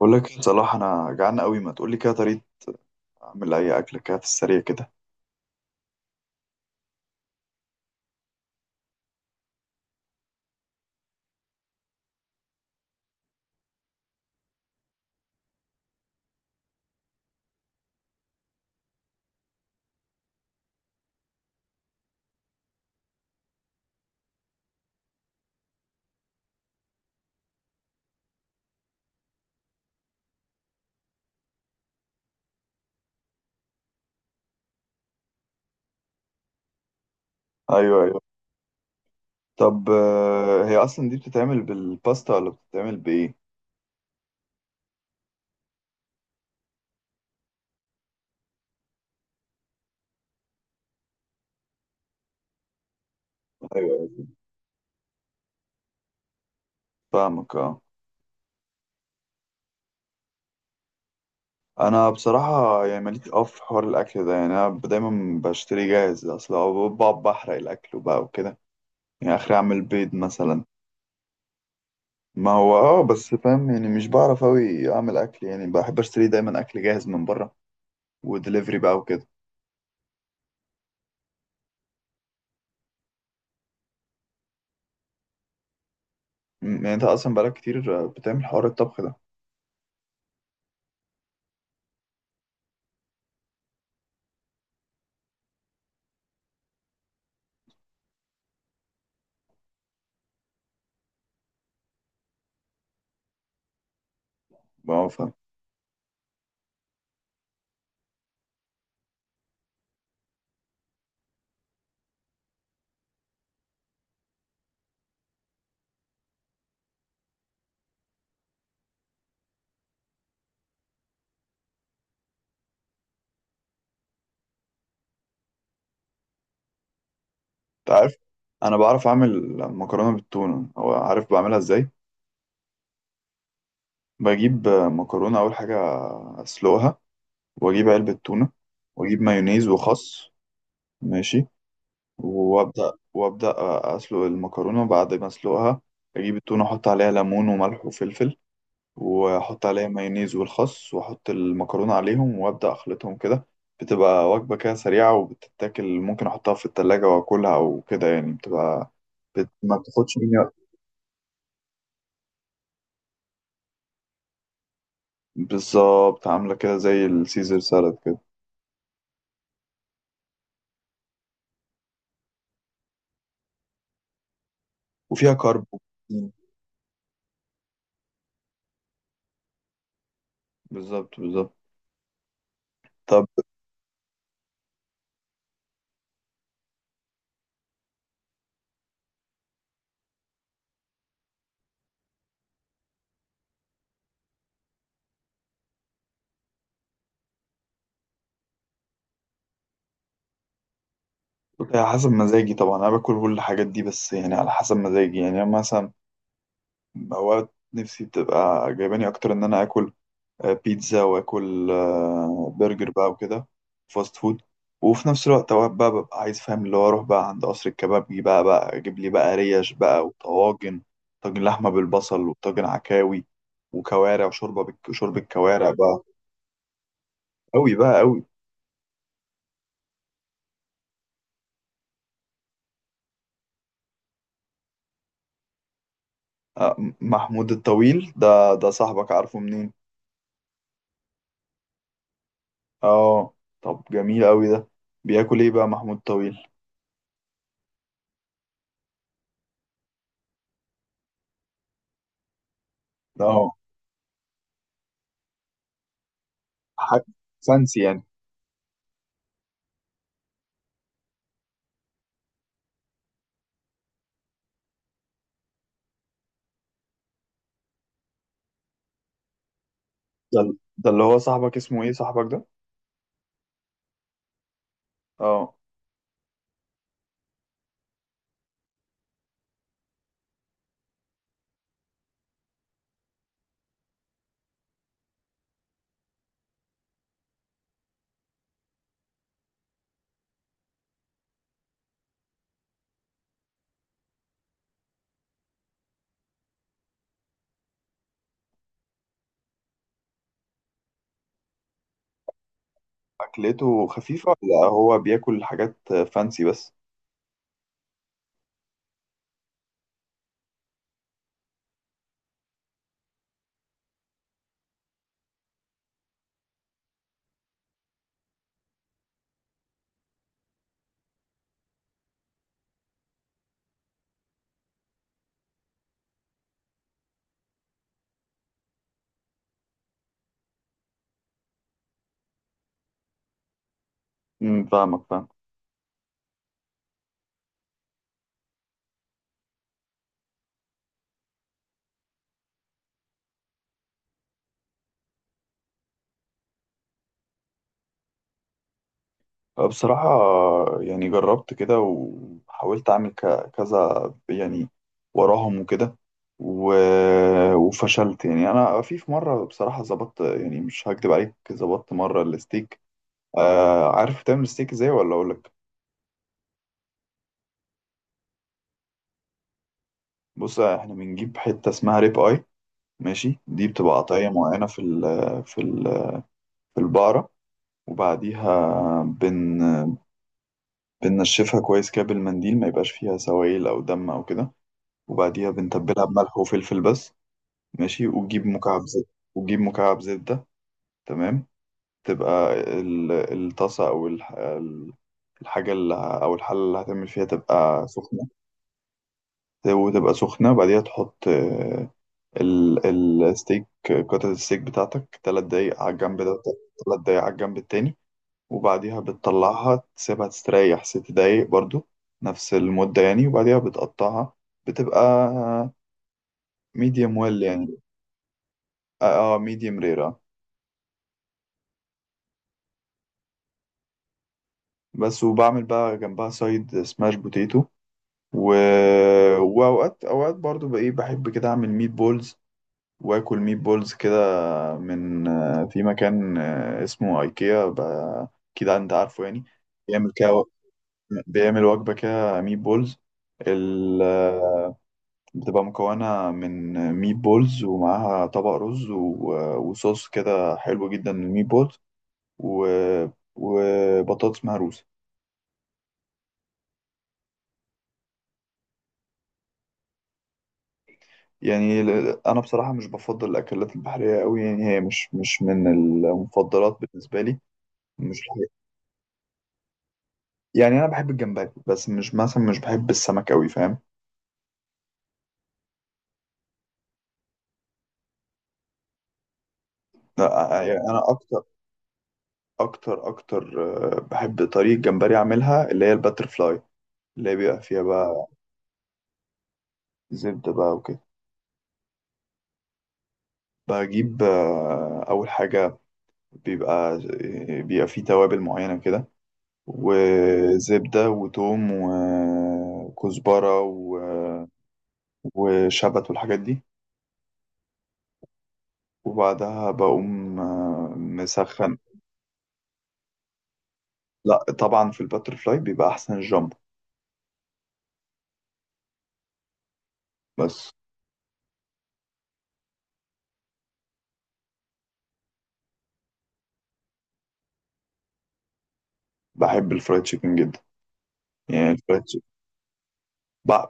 بقول لك إيه، صلاح، انا جعان قوي، ما تقول لي كده طريقه اعمل اي اكله كده في السريع كده. ايوه، ايوه. طب، هي اصلا دي بتتعمل بالباستا ولا بتتعمل بايه؟ ايوه، أيوة. فاهمك، اه. انا بصراحه يعني ماليش في حوار الاكل ده، يعني انا دايما بشتري جاهز اصلا، أو بقعد بحرق الاكل وبقى وكده. يعني اخري اعمل بيض مثلا. ما هو اه، بس فاهم، يعني مش بعرف اوي اعمل اكل، يعني بحب اشتري دايما اكل جاهز من بره ودليفري بقى وكده. يعني انت اصلا بقالك كتير، بتعمل حوار الطبخ ده. ما هو فاهم. انت عارف، انا بعرف اعمل مكرونه بالتونه، او عارف بعملها ازاي. بجيب مكرونه اول حاجه، اسلقها، واجيب علبه تونه، واجيب مايونيز وخس. ماشي. وابدا اسلق المكرونه. بعد ما اسلقها اجيب التونه، احط عليها ليمون وملح وفلفل، واحط عليها مايونيز والخس، واحط المكرونه عليهم وابدا اخلطهم كده. بتبقى وجبه كده سريعه وبتتاكل، ممكن احطها في التلاجة واكلها، او كده يعني بتبقى. ما بتاخدش مني. بالظبط، عاملة كده زي السيزر سالاد كده. وفيها كارب وبروتين. بالظبط، بالظبط. طب، على حسب مزاجي طبعا، أنا باكل كل الحاجات دي، بس يعني على حسب مزاجي، يعني أنا مثلا أوقات نفسي بتبقى جايباني أكتر إن أنا آكل بيتزا، وآكل برجر بقى وكده، فاست فود. وفي نفس الوقت أوقات بقى ببقى عايز، فاهم، اللي هو أروح بقى عند قصر الكبابجي بقى أجيب لي بقى ريش بقى وطواجن. طاجن لحمة بالبصل، وطاجن عكاوي، وكوارع، شوربة كوارع بقى. أوي بقى أوي. محمود الطويل ده صاحبك، عارفه منين؟ اه. طب جميل أوي ده. بياكل ايه بقى محمود الطويل ده؟ اه. حاجة فانسي يعني. ده اللي هو صاحبك، اسمه ايه صاحبك ده؟ اه. أكلته خفيفة ولا هو بياكل حاجات فانسي بس؟ فاهمك، فاهم. بصراحة، يعني جربت كده وحاولت أعمل كذا يعني، وراهم وكده، و... وفشلت. يعني أنا في مرة، بصراحة ظبطت، يعني مش هكدب عليك، ظبطت مرة الستيك. آه، عارف تعمل ستيك إزاي ولا أقولك؟ بص، إحنا بنجيب حتة اسمها ريب آي. ماشي، دي بتبقى قطعية معينة في في ال... في البقرة. وبعديها بن... بننشفها كويس كده بالمنديل، ما يبقاش فيها سوائل أو دم أو كده. وبعديها بنتبلها بملح وفلفل بس. ماشي، وتجيب مكعب زبدة. وتجيب مكعب زبدة، تمام. تبقى الطاسة، أو الحاجة اللي أو الحلة اللي هتعمل فيها تبقى سخنة. وتبقى سخنة. بعديها تحط ال- الستيك، قطعة الستيك بتاعتك تلات دقايق على الجنب ده. تلات دقايق على الجنب التاني. وبعديها بتطلعها تسيبها تستريح ست دقايق برضو، نفس المدة يعني. وبعديها بتقطعها. بتبقى ميديوم ويل يعني. اه، ميديوم رير، medium rare. بس. وبعمل بقى جنبها سايد سماش بوتيتو. و... واوقات برضو بقى ايه، بحب كده اعمل ميت بولز، واكل ميت بولز كده، من في مكان اسمه ايكيا اكيد انت عارفه يعني. بيعمل كده، بيعمل وجبة كده ميت بولز، ال... آه، بتبقى مكونة من ميت بولز، ومعاها طبق رز، و... وصوص كده حلو جدا للميت بولز، و... وبطاطس مهروسة. يعني انا بصراحه مش بفضل الاكلات البحريه قوي، يعني هي مش من المفضلات بالنسبه لي. مش، يعني انا بحب الجمبري بس، مش مثلا مش بحب السمك قوي، فاهم. لا، يعني انا اكتر بحب طريقه جمبري اعملها، اللي هي الباتر فلاي، اللي هي بيبقى فيها بقى زبده بقى وكده. بجيب اول حاجه، بيبقى فيه توابل معينه كده، وزبده وتوم وكزبره و وشبت والحاجات دي. وبعدها بقوم مسخن. لا طبعا، في الباتر فلاي بيبقى احسن الجامبو. بس. بحب الفرايد تشيكن جدا. يعني الفرايد تشيكن،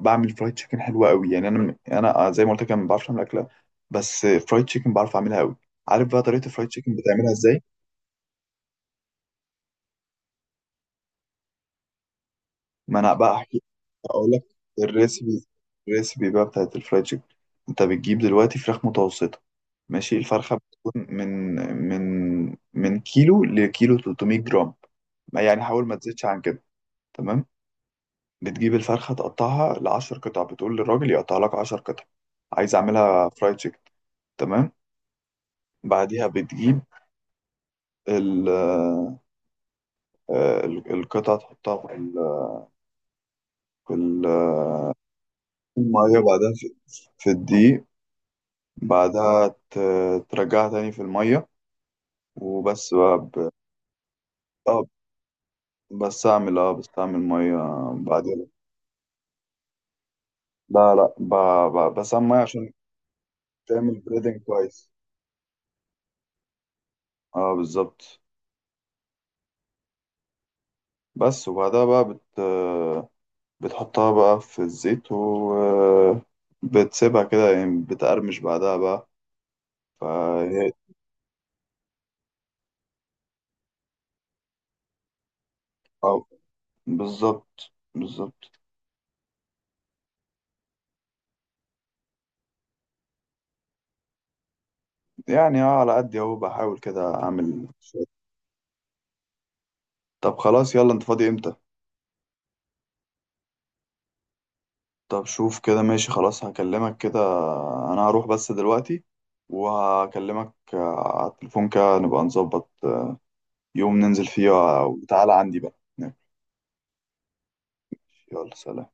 بعمل فرايد تشيكن حلوه قوي، يعني انا زي ما قلت لك أنا ما بعرفش اعمل اكله، بس فرايد تشيكن بعرف اعملها قوي. عارف بقى طريقه الفرايد تشيكن بتعملها ازاي؟ ما انا بقى احكي. اقول لك. الريسبي الريسبي بقى بتاعت الفرايد تشيكن. انت بتجيب دلوقتي فراخ متوسطه. ماشي، الفرخه بتكون من من من كيلو لكيلو 300 جرام. ما يعني حاول ما تزيدش عن كده. تمام. بتجيب الفرخه تقطعها ل 10 قطع، بتقول للراجل يقطع لك 10 قطع، عايز اعملها فرايد تشيكن. تمام. بعديها بتجيب ال آه، القطع، تحطها في في ال- الميه، بعدها في الدقيق. بعدها ترجعها تاني في المية وبس بقى ب... اه اه، بس اعمل مية بعدين. لا لا، ب... ب... بس اعمل مية عشان تعمل بريدنج كويس. اه بالظبط. بس. وبعدها بقى بت... بتحطها بقى في الزيت، و بتسيبها كده يعني بتقرمش بعدها بقى، فهي. اه، بالظبط بالظبط. يعني اه على قد اهو، بحاول كده اعمل شوية. طب خلاص، يلا انت فاضي امتى؟ طب شوف كده، ماشي، خلاص هكلمك كده. انا هروح بس دلوقتي، وهكلمك على التليفون كده، نبقى نظبط يوم ننزل فيه، وتعالى عندي بقى. يلا، سلام.